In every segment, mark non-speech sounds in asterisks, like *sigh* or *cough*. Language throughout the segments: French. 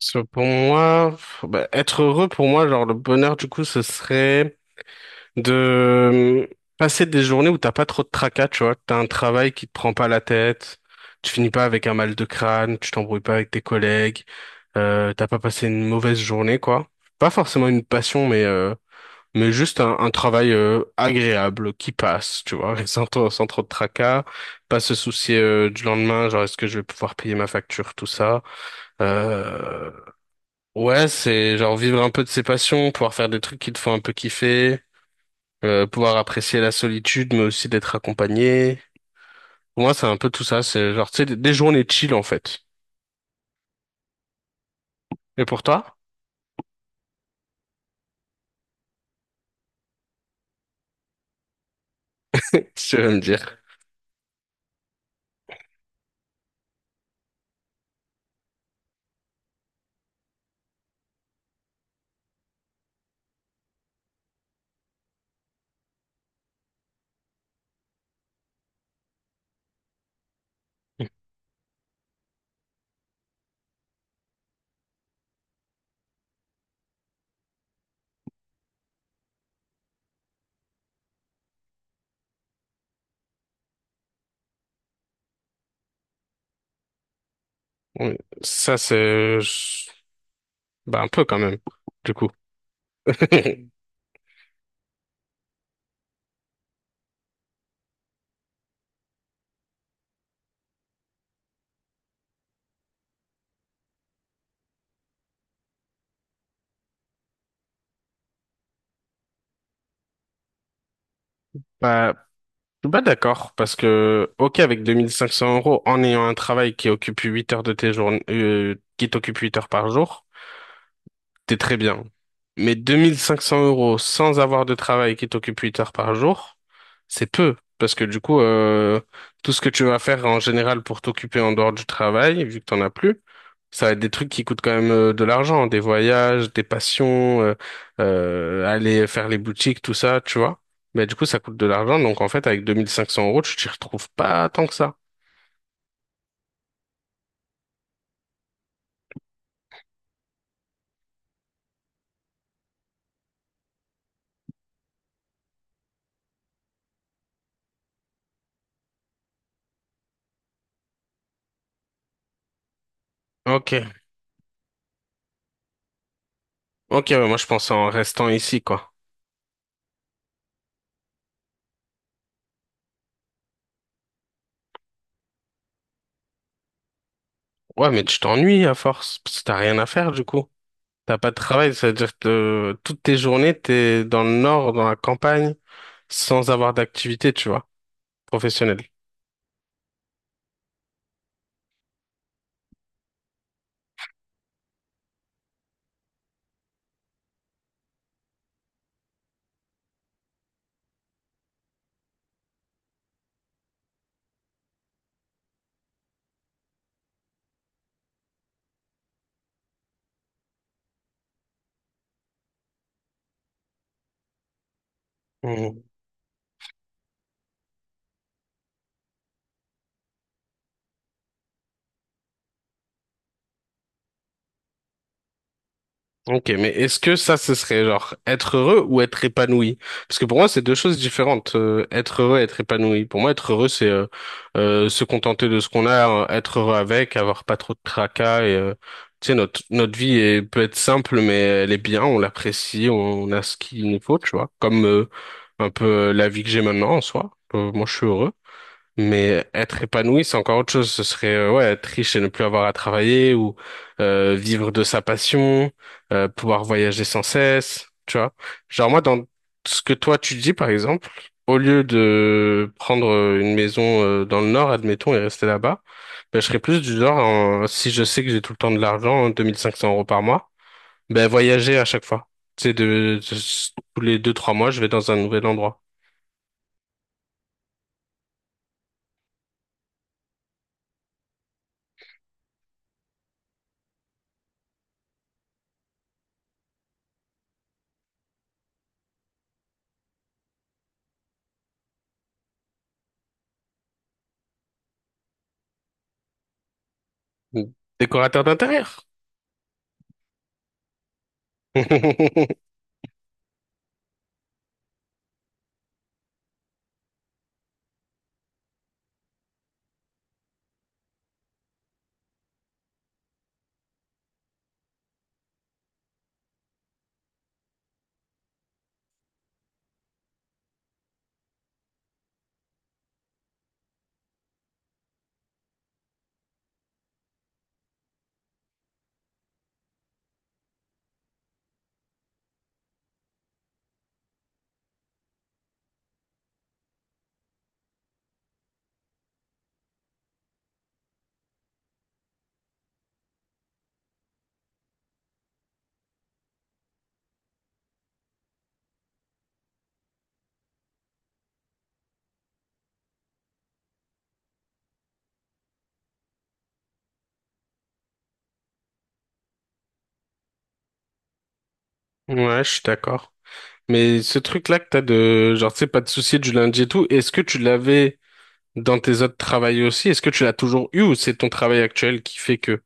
Parce que pour moi, bah, être heureux, pour moi, genre le bonheur, du coup, ce serait de passer des journées où t'as pas trop de tracas, tu vois, que t'as un travail qui te prend pas la tête, tu finis pas avec un mal de crâne, tu t'embrouilles pas avec tes collègues, t'as pas passé une mauvaise journée, quoi. Pas forcément une passion, mais juste un travail agréable qui passe, tu vois, *laughs* sans trop de tracas, pas se soucier du lendemain, genre est-ce que je vais pouvoir payer ma facture, tout ça. Euh, Ouais, c'est genre vivre un peu de ses passions, pouvoir faire des trucs qui te font un peu kiffer, pouvoir apprécier la solitude, mais aussi d'être accompagné. Pour moi, c'est un peu tout ça. C'est genre, tu sais, des journées chill, en fait. Et pour toi? *laughs* Tu vas me dire. Oui, ça, c'est... Bah, un peu quand même, du coup. *laughs* Bah, je suis pas d'accord parce que, ok, avec 2 500 euros, en ayant un travail qui occupe 8 heures de tes journées, qui t'occupe 8 heures par jour, t'es très bien. Mais 2 500 euros sans avoir de travail qui t'occupe 8 heures par jour, c'est peu. Parce que du coup, tout ce que tu vas faire en général pour t'occuper en dehors du travail, vu que t'en as plus, ça va être des trucs qui coûtent quand même de l'argent, des voyages, des passions, aller faire les boutiques, tout ça, tu vois. Mais du coup, ça coûte de l'argent. Donc en fait, avec 2 500 euros, tu t'y retrouves pas tant que ça. Ok. Ok, ouais, moi je pense en restant ici, quoi. Ouais, mais tu t'ennuies à force, parce que t'as rien à faire du coup. T'as pas de travail, c'est-à-dire que toutes tes journées, t'es dans le nord, dans la campagne, sans avoir d'activité, tu vois, professionnelle. Mhm. Ok, mais est-ce que ça, ce serait genre être heureux ou être épanoui? Parce que pour moi, c'est deux choses différentes. Être heureux et être épanoui. Pour moi, être heureux, c'est se contenter de ce qu'on a, être heureux avec, avoir pas trop de tracas et tu sais, notre vie peut être simple, mais elle est bien, on l'apprécie, on a ce qu'il nous faut, tu vois. Comme un peu la vie que j'ai maintenant en soi. Moi, je suis heureux. Mais être épanoui, c'est encore autre chose. Ce serait ouais, être riche et ne plus avoir à travailler ou vivre de sa passion, pouvoir voyager sans cesse, tu vois. Genre moi, dans ce que toi tu dis, par exemple, au lieu de prendre une maison dans le nord, admettons, et rester là-bas, ben, je serais plus du genre, si je sais que j'ai tout le temps de l'argent, hein, 2 500 euros par mois, ben voyager à chaque fois. Tu sais, tous les deux, trois mois, je vais dans un nouvel endroit. Décorateur d'intérieur. *laughs* Ouais, je suis d'accord. Mais ce truc-là que t'as de, genre, tu sais, pas de souci du lundi et tout, est-ce que tu l'avais dans tes autres travails aussi? Est-ce que tu l'as toujours eu ou c'est ton travail actuel qui fait que?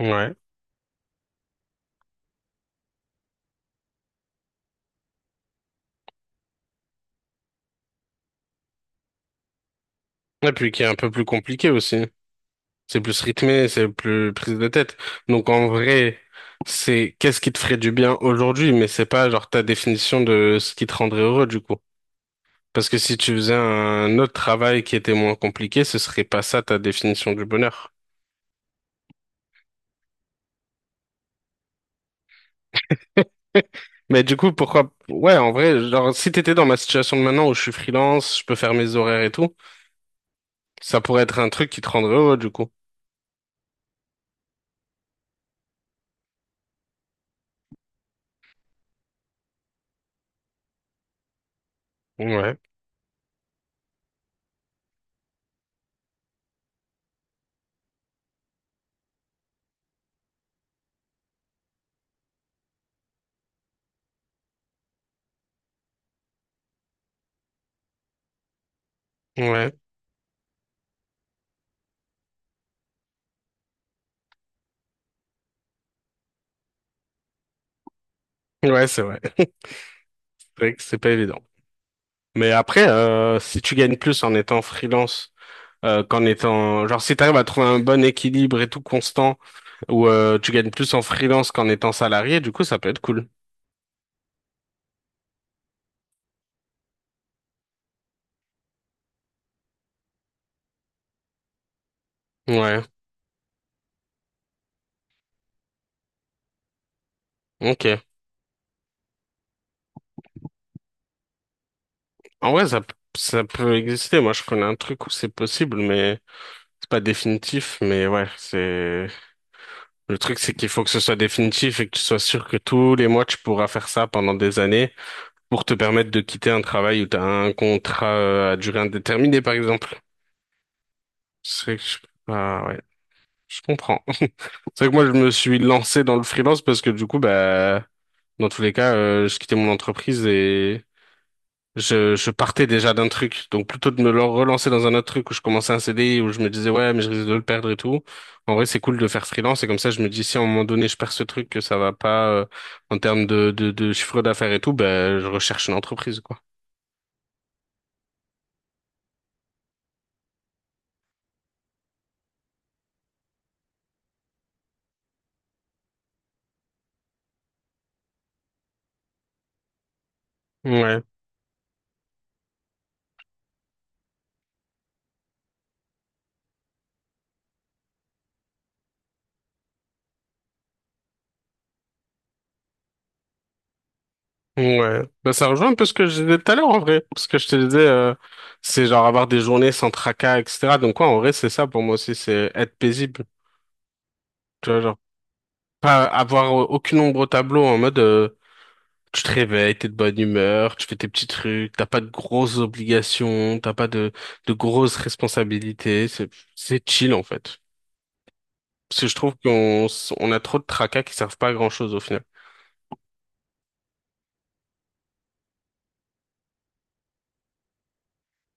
Ouais. Et puis qui est un peu plus compliqué aussi. C'est plus rythmé, c'est plus prise de tête. Donc en vrai, c'est qu'est-ce qui te ferait du bien aujourd'hui, mais c'est pas genre ta définition de ce qui te rendrait heureux du coup. Parce que si tu faisais un autre travail qui était moins compliqué, ce serait pas ça ta définition du bonheur. Mais du coup, pourquoi... Ouais, en vrai, genre, si t'étais dans ma situation de maintenant où je suis freelance, je peux faire mes horaires et tout, ça pourrait être un truc qui te rendrait heureux, du coup. Ouais, ouais, ouais, c'est vrai. C'est vrai que c'est pas évident. Mais après, si tu gagnes plus en étant freelance, qu'en étant... Genre, si t'arrives à trouver un bon équilibre et tout constant, où tu gagnes plus en freelance qu'en étant salarié, du coup, ça peut être cool. Ouais, ok. En vrai, ça, ça peut exister. Moi, je connais un truc où c'est possible, mais c'est pas définitif. Mais ouais, c'est... Le truc, c'est qu'il faut que ce soit définitif et que tu sois sûr que tous les mois, tu pourras faire ça pendant des années pour te permettre de quitter un travail où tu as un contrat à durée indéterminée, par exemple. C'est que je... Ah ouais, je comprends. *laughs* C'est vrai que moi, je me suis lancé dans le freelance parce que du coup, bah, dans tous les cas, je quittais mon entreprise et je partais déjà d'un truc, donc plutôt de relancer dans un autre truc où je commençais un CDI, où je me disais ouais mais je risque de le perdre et tout. En vrai c'est cool de faire freelance et comme ça je me dis si à un moment donné je perds ce truc que ça va pas en termes de chiffre d'affaires et tout, ben je recherche une entreprise quoi. Ouais, ouais. Bah, ça rejoint un peu ce que je disais tout à l'heure en vrai. Parce que je te disais, c'est genre avoir des journées sans tracas, etc. Donc quoi, en vrai, c'est ça pour moi aussi, c'est être paisible. Tu vois, genre, pas avoir aucune ombre au tableau en mode, tu te réveilles, t'es de bonne humeur, tu fais tes petits trucs, t'as pas de grosses obligations, t'as pas de grosses responsabilités, c'est chill en fait. Parce que je trouve on a trop de tracas qui servent pas à grand-chose au final.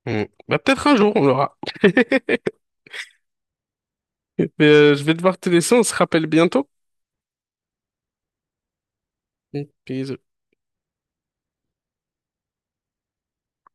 Hmm. Bah peut-être un jour on l'aura. *laughs* Mais je vais devoir te laisser, on se rappelle bientôt. Peace.